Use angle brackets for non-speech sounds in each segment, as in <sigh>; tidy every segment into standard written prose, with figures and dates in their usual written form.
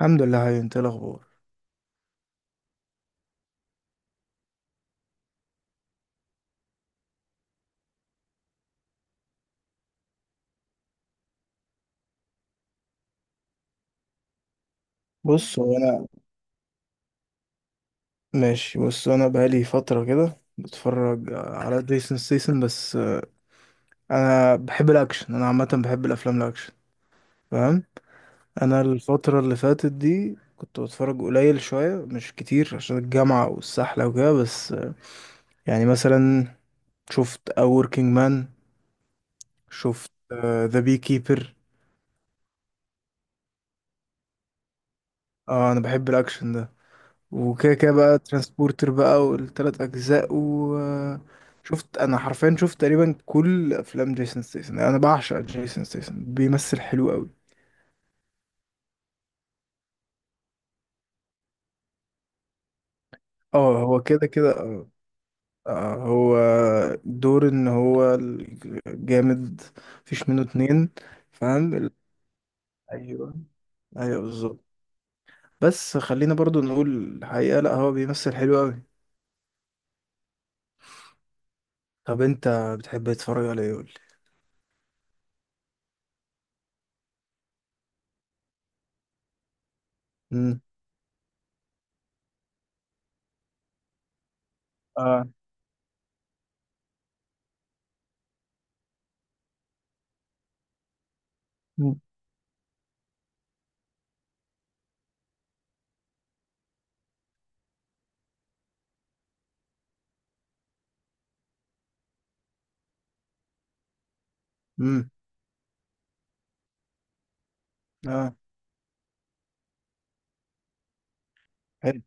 الحمد لله. هاي انت، إيه الاخبار؟ بص هو انا، ماشي. بص انا بقالي فتره كده بتفرج على جيسون ستيسن بس. انا بحب الاكشن، انا عامه بحب الافلام الاكشن، فاهم. انا الفتره اللي فاتت دي كنت بتفرج قليل شويه مش كتير عشان الجامعه والسحله وكده، بس يعني مثلا شفت A Working Man، شفت ذا بي كيبر، اه The Beekeeper. انا بحب الاكشن ده، وكده كده بقى ترانسبورتر بقى والتلات أجزاء. وشفت أنا حرفيا، شفت تقريبا كل أفلام جيسون ستيسن. أنا بعشق جيسون ستيسن، بيمثل حلو أوي. اه هو كده كده، اه. هو دور إن هو الجامد، مفيش منه اتنين، فاهم أيوه، أيوه بالظبط. بس خلينا برضو نقول الحقيقة، لأ هو بيمثل حلو أوي. طب أنت بتحب تتفرج على إيه، قولي؟ مم. اه. مم. مم. اه حلو.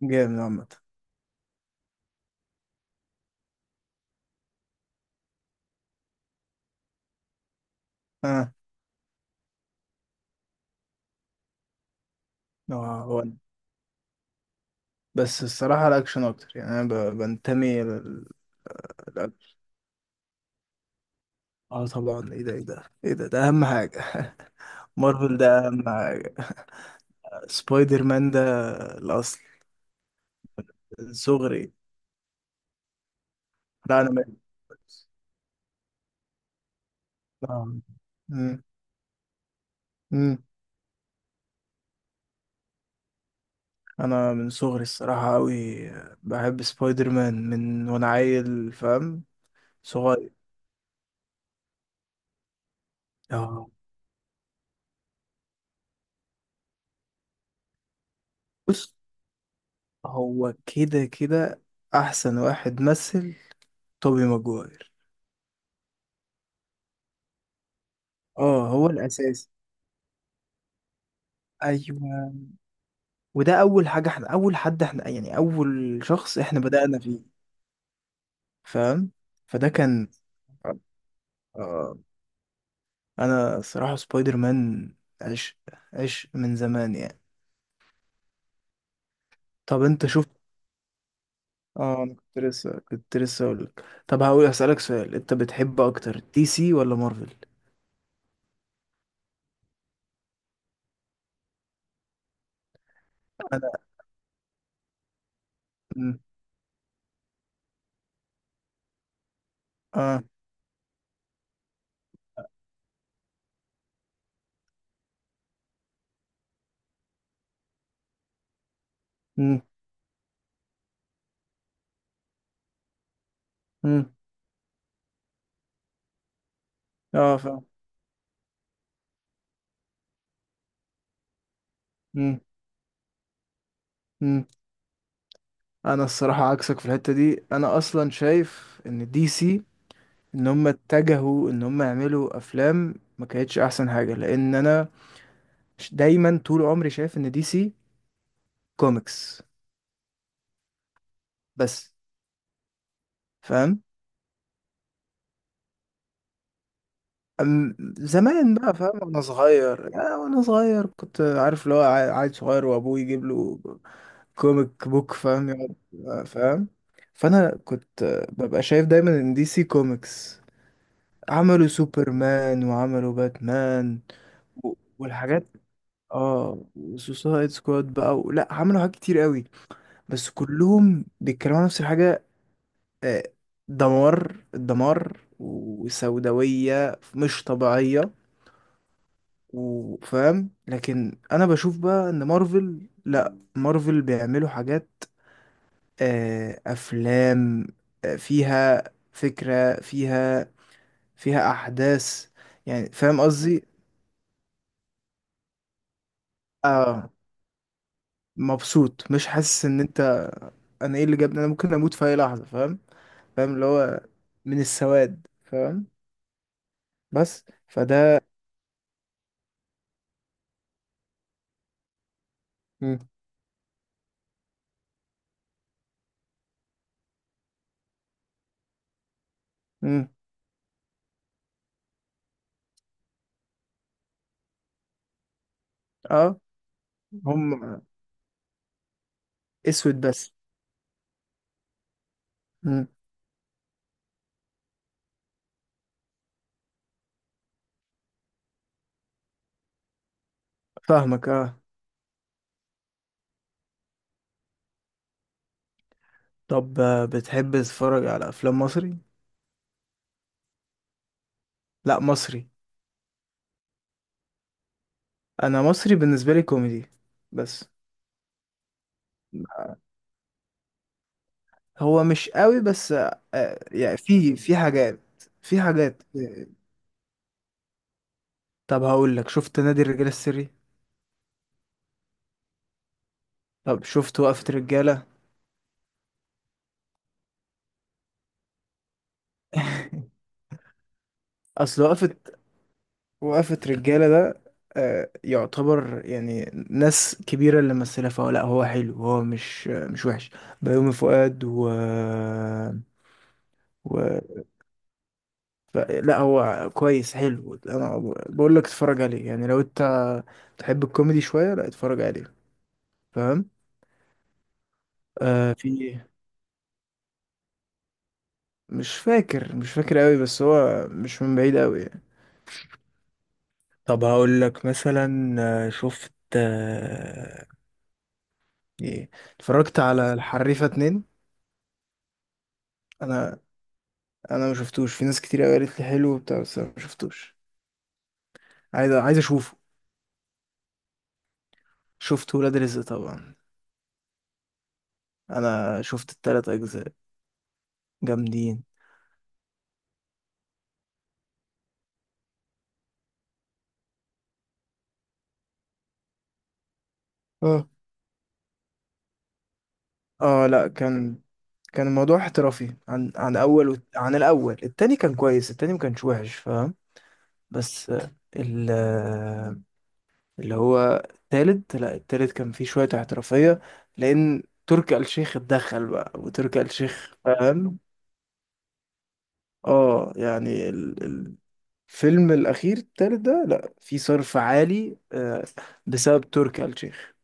جامد عامة. اه هو هو أنا. بس الصراحة الأكشن أكتر، يعني أنا بنتمي للأكشن. اه طبعا، ايه ده ايه ده ايه ده، ده أهم حاجة <laughs> مارفل ده أهم حاجة. <laughs> سبايدر مان ده الأصل، من صغري. لا أنا بحبس. آه. مم. مم. أنا من صغري الصراحة أوي بحب سبايدر مان من وأنا عيل، فاهم، صغير. اه. بص هو كده كده أحسن واحد مثل توبي ماجواير. اه هو الاساس. ايوه، وده اول حاجه احنا، اول حد احنا، يعني اول شخص احنا بدأنا فيه، فاهم. فده كان آه، انا صراحه سبايدر مان عشق، عشق من زمان يعني. طب انت شوف، اه انا كنت لسه، كنت لسه اقول لك، طب هقول اسالك سؤال، انت بتحب اكتر دي سي ولا مارفل؟ انا مم. اه. مم. مم. اه فاهم. مم. مم. انا الصراحه عكسك في الحته دي، انا اصلا شايف ان دي سي، ان هم اتجهوا ان هم يعملوا افلام ما كانتش احسن حاجه، لان انا دايما طول عمري شايف ان دي سي كوميكس، بس، فاهم. أم زمان بقى، فاهم، وانا صغير، يعني وانا صغير كنت عارف اللي هو عيل صغير وابوه يجيب له كوميك بوك، فاهم، فاهم. فانا كنت ببقى شايف دايما ان دي سي كوميكس عملوا سوبرمان وعملوا باتمان و- والحاجات، اه وسوسايد سكواد بقى و... لا عملوا حاجات كتير قوي، بس كلهم بيتكلموا عن نفس الحاجة. آه، دمار، الدمار وسوداوية مش طبيعية، وفاهم. لكن أنا بشوف بقى إن مارفل لأ، مارفل بيعملوا حاجات، أفلام فيها فكرة، فيها، فيها أحداث، يعني فاهم قصدي. آه. مبسوط، مش حاسس إن أنت، أنا إيه اللي جابني، أنا ممكن أموت في أي لحظة، فاهم. فاهم اللي هو من السواد، فاهم. بس فده مم. اه. هم اسود بس. مم. فاهمك، اه. طب بتحب تتفرج على افلام مصري؟ لا مصري، انا مصري بالنسبه لي كوميدي بس. هو مش قوي بس يعني في، في حاجات، في حاجات. طب هقول لك، شفت نادي الرجال السري؟ طب شفت وقفه رجاله؟ <laughs> اصل وقفه، وقفة رجالة ده يعتبر يعني ناس كبيرة اللي ممثلة، فهو لا هو حلو، هو مش، مش وحش. بيومي فؤاد و, و... ف... لا هو كويس، حلو. انا بقول لك اتفرج عليه، يعني لو انت تحب الكوميدي شوية، لا اتفرج عليه، فاهم. آه في، مش فاكر، مش فاكر قوي، بس هو مش من بعيد قوي يعني. طب هقول لك مثلا، آه، شفت آه، ايه، اتفرجت على الحريفة اتنين؟ انا، انا ما شفتوش. في ناس كتير قوي قالت لي حلو وبتاع، بس انا ما شفتوش. عايز، عايز اشوفه. شفت ولاد رزق طبعا، انا شفت التلات اجزاء، جامدين. اه اه، لا كان، كان الموضوع احترافي عن، عن اول عن الاول، التاني كان كويس، التاني ما كانش وحش، فاهم. بس آه، ال آه، اللي هو التالت، لا التالت كان فيه شوية احترافية لان تركي آل الشيخ اتدخل بقى، وتركي آل الشيخ فاهم. اه يعني فيلم الأخير التالت ده لأ، في صرف عالي بسبب تركي آل الشيخ.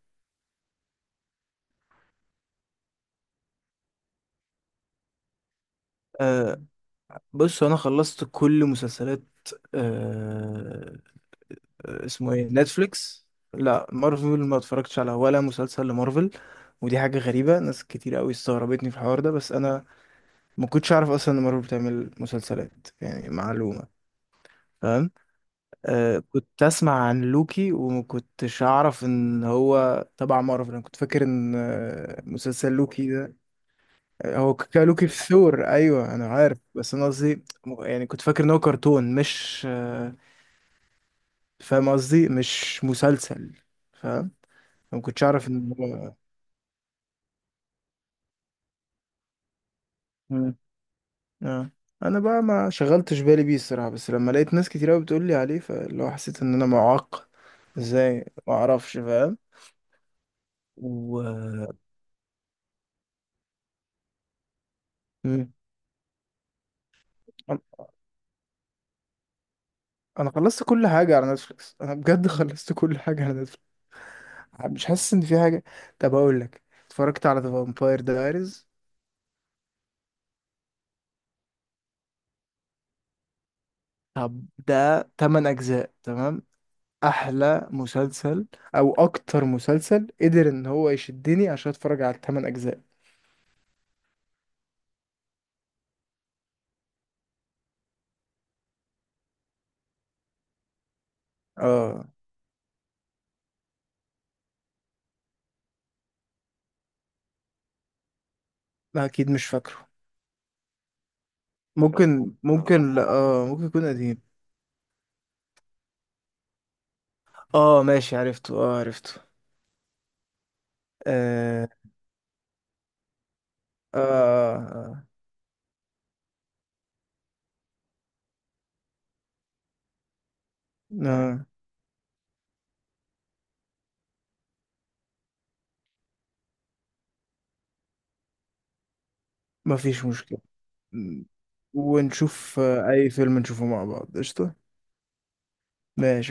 آه، بص أنا خلصت كل مسلسلات آه، اسمه إيه، نتفليكس. لأ مارفل ما اتفرجتش على ولا مسلسل لمارفل. ودي حاجة غريبة، ناس كتير قوي استغربتني في الحوار ده، بس أنا ما كنتش أعرف أصلا إن مارفل بتعمل مسلسلات، يعني معلومة، فاهم. كنت اسمع عن لوكي ومكنتش اعرف ان هو تبع مارفل، انا كنت فاكر ان مسلسل لوكي ده هو كان لوكي في ثور، ايوه انا عارف، بس انا قصدي يعني كنت فاكر ان هو كرتون مش فاهم قصدي، مش مسلسل، فاهم. ما كنتش اعرف ان هو مم. آه. انا بقى ما شغلتش بالي بيه الصراحه، بس لما لقيت ناس كتير قوي بتقول لي عليه، فاللي هو حسيت ان انا معاق، ازاي ما اعرفش، فاهم. و مم. انا خلصت كل حاجه على نتفليكس، انا بجد <laughs> خلصت كل حاجه على نتفليكس. مش حاسس ان في حاجه. طب اقول لك، اتفرجت على ذا فامباير دايريز؟ طب ده 8 اجزاء، تمام، احلى مسلسل، او اكتر مسلسل قدر ان هو يشدني عشان اتفرج على الثمان اجزاء. اه لا اكيد، مش فاكره. ممكن، ممكن، لا اه ممكن يكون قديم. اه ماشي، عرفته، اه عرفته. اه اه, آه. آه. آه، آه، مفيش مشكله. ونشوف أي فيلم نشوفه مع بعض، قشطة. ماشي